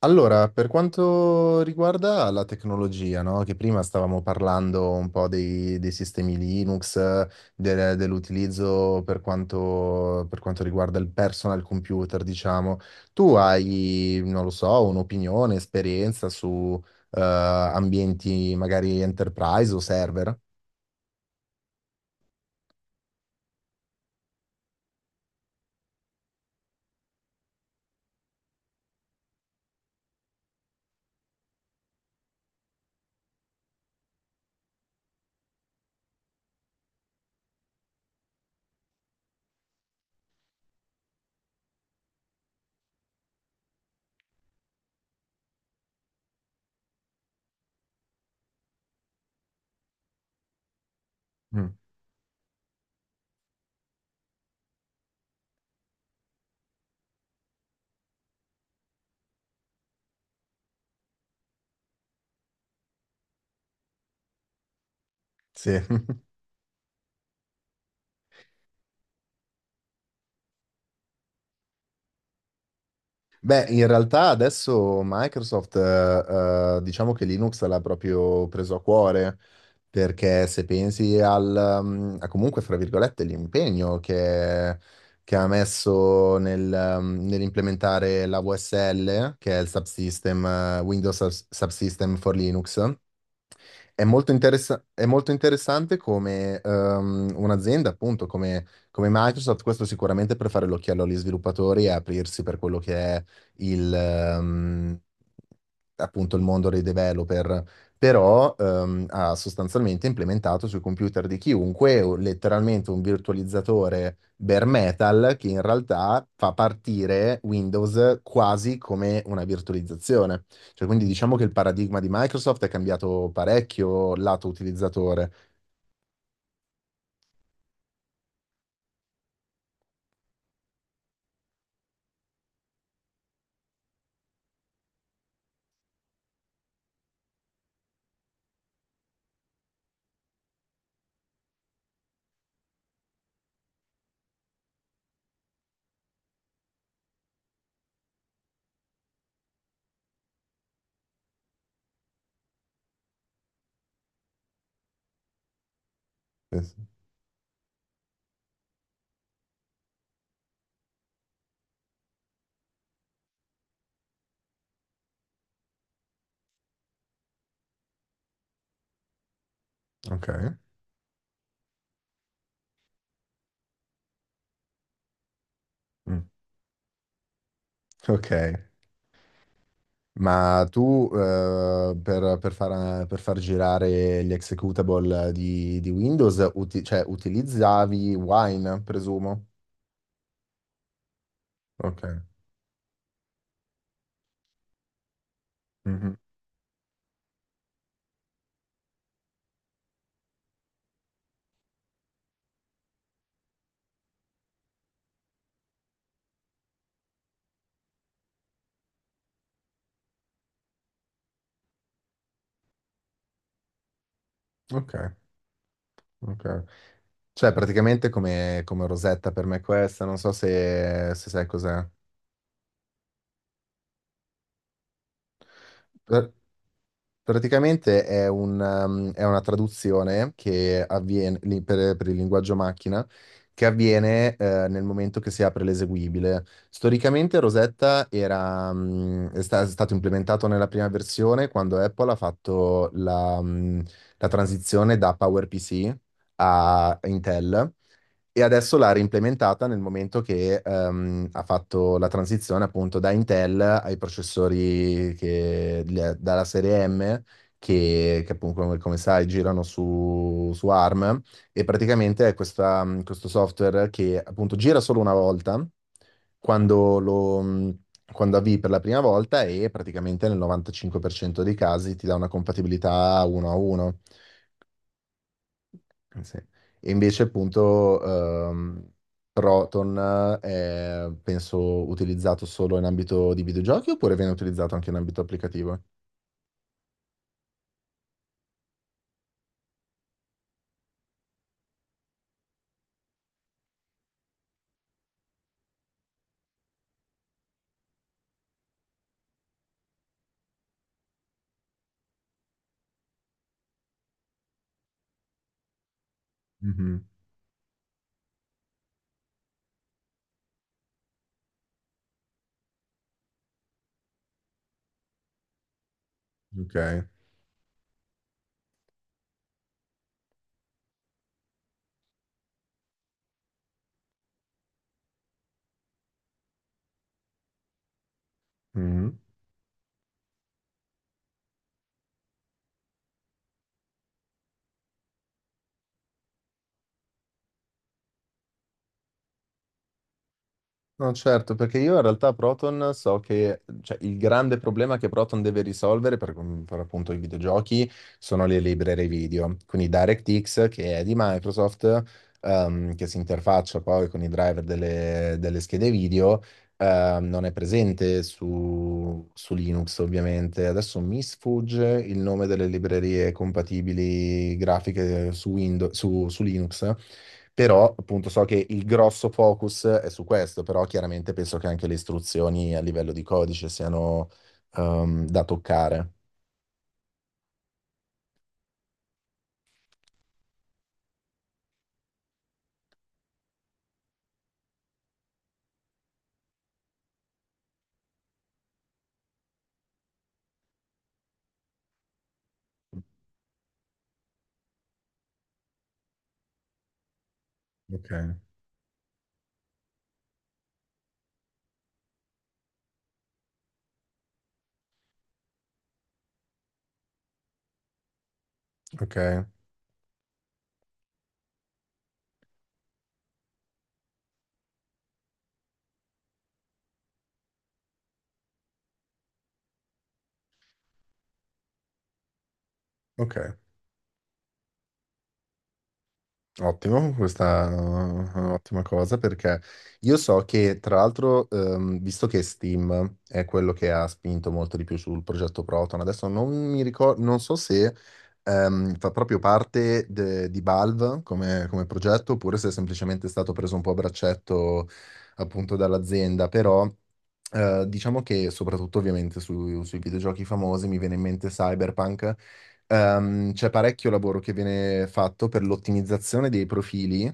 Allora, per quanto riguarda la tecnologia, no? Che prima stavamo parlando un po' dei sistemi Linux, dell'utilizzo per quanto riguarda il personal computer, diciamo. Tu hai, non lo so, un'opinione, esperienza su ambienti magari enterprise o server? Mm, sì. Beh, in realtà adesso Microsoft, diciamo che Linux l'ha proprio preso a cuore, perché se pensi a comunque, fra virgolette, l'impegno che ha messo nell'implementare la VSL, che è il subsystem, Subsystem for Linux, è molto interessante come un'azienda, appunto, come Microsoft, questo sicuramente per fare l'occhiello agli sviluppatori e aprirsi per quello che è il, ehm, il mondo dei developer, però ha sostanzialmente implementato sui computer di chiunque letteralmente un virtualizzatore bare metal che in realtà fa partire Windows quasi come una virtualizzazione. Cioè, quindi diciamo che il paradigma di Microsoft è cambiato parecchio lato utilizzatore. Eh, Ok. Mm. Ok. Ma tu per far girare gli executable di Windows, cioè, utilizzavi Wine, presumo? Ok. Mhm. Ok. Ok. Cioè, praticamente come Rosetta per me questa, non so se sai cos'è. Eh, Praticamente è è una traduzione che avviene per il linguaggio macchina che avviene nel momento che si apre l'eseguibile. Storicamente Rosetta era, mm, è, sta- è stato implementato nella prima versione quando Apple ha fatto la transizione da PowerPC a Intel e adesso l'ha reimplementata nel momento che ha fatto la transizione appunto da Intel ai processori dalla serie M, che appunto come sai girano su ARM, e praticamente è questo software che appunto gira solo una volta quando lo, mh, quando avvii per la prima volta e praticamente nel 95% dei casi ti dà una compatibilità 1 a 1. Sì. E invece appunto ehm, Proton è penso utilizzato solo in ambito di videogiochi oppure viene utilizzato anche in ambito applicativo? Mhm, ok. Mhm. No, certo, perché io in realtà Proton so che cioè, il grande problema che Proton deve risolvere per appunto i videogiochi sono le librerie video, quindi DirectX che è di Microsoft, che si interfaccia poi con i driver delle schede video, non è presente su Linux ovviamente. Adesso mi sfugge il nome delle librerie compatibili grafiche su Windows, su Linux. Però appunto so che il grosso focus è su questo, però chiaramente penso che anche le istruzioni a livello di codice siano da toccare. Ok, ok, ok. Ottimo, questa è un'ottima cosa perché io so che tra l'altro, visto che Steam è quello che ha spinto molto di più sul progetto Proton, adesso non mi ricordo, non so se fa proprio parte di Valve come progetto oppure se è semplicemente stato preso un po' a braccetto appunto dall'azienda, però diciamo che soprattutto ovviamente sui videogiochi famosi mi viene in mente Cyberpunk. C'è parecchio lavoro che viene fatto per l'ottimizzazione dei profili,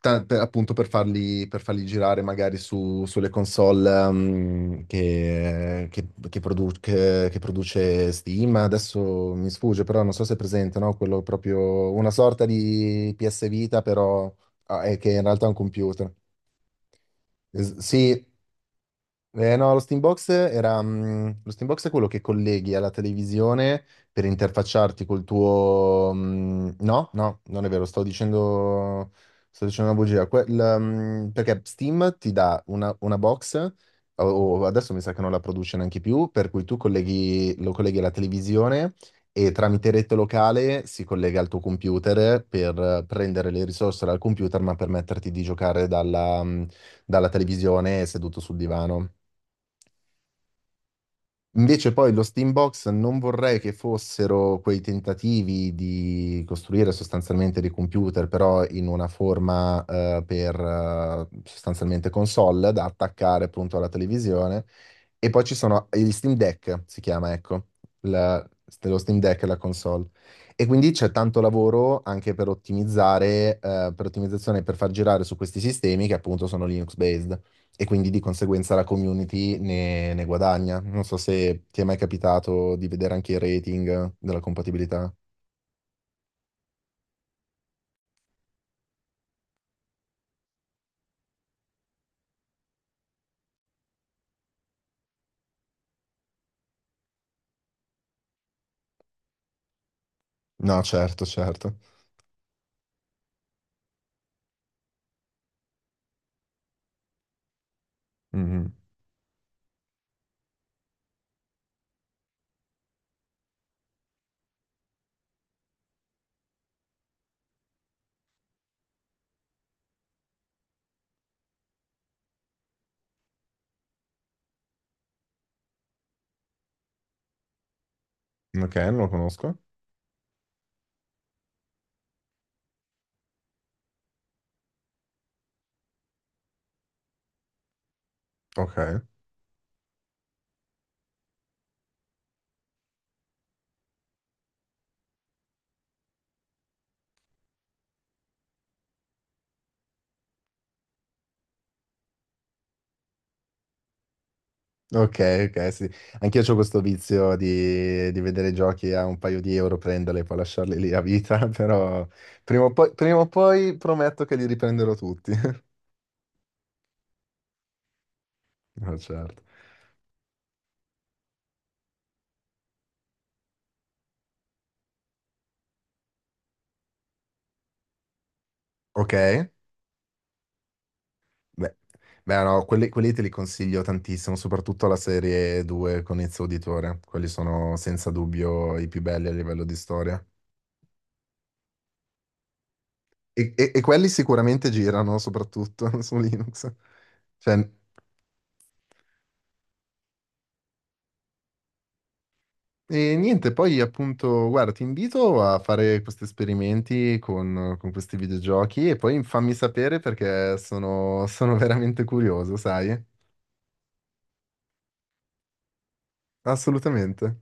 appunto per farli girare magari sulle console, che produce Steam. Adesso mi sfugge, però non so se è presente, no? Quello proprio una sorta di PS Vita, però ah, è che in realtà è un computer. Sì, no, lo Steambox è quello che colleghi alla televisione per interfacciarti col tuo. No, no, non è vero, sto dicendo una bugia. Perché Steam ti dà una box, o adesso mi sa che non la produce neanche più, per cui tu colleghi, lo colleghi alla televisione e tramite rete locale si collega al tuo computer per prendere le risorse dal computer, ma permetterti di giocare dalla televisione seduto sul divano. Invece poi lo Steambox non vorrei che fossero quei tentativi di costruire sostanzialmente dei computer, però in una forma per sostanzialmente console da attaccare appunto alla televisione e poi ci sono gli Steam Deck, si chiama, ecco, la- lo Steam Deck è la console. E quindi c'è tanto lavoro anche per ottimizzare, per ottimizzazione, per far girare su questi sistemi che appunto sono Linux-based. E quindi di conseguenza la community ne guadagna. Non so se ti è mai capitato di vedere anche il rating della compatibilità. No, certo, certo. Mhm. Ok, non lo conosco. Ok. Ok, ok, sì. Anch'io ho questo vizio di vedere giochi a un paio di euro, prenderli e poi lasciarli lì a vita, però prima o poi prometto che li riprenderò tutti. No, certo. Ok, beh, beh, no, quelli te li consiglio tantissimo, soprattutto la serie 2 con Ezio Auditore. Quelli sono senza dubbio i più belli a livello di storia. E quelli sicuramente girano, soprattutto su Linux. Cioè. E niente, poi appunto, guarda, ti invito a fare questi esperimenti con questi videogiochi e poi fammi sapere perché sono veramente curioso, sai? Assolutamente.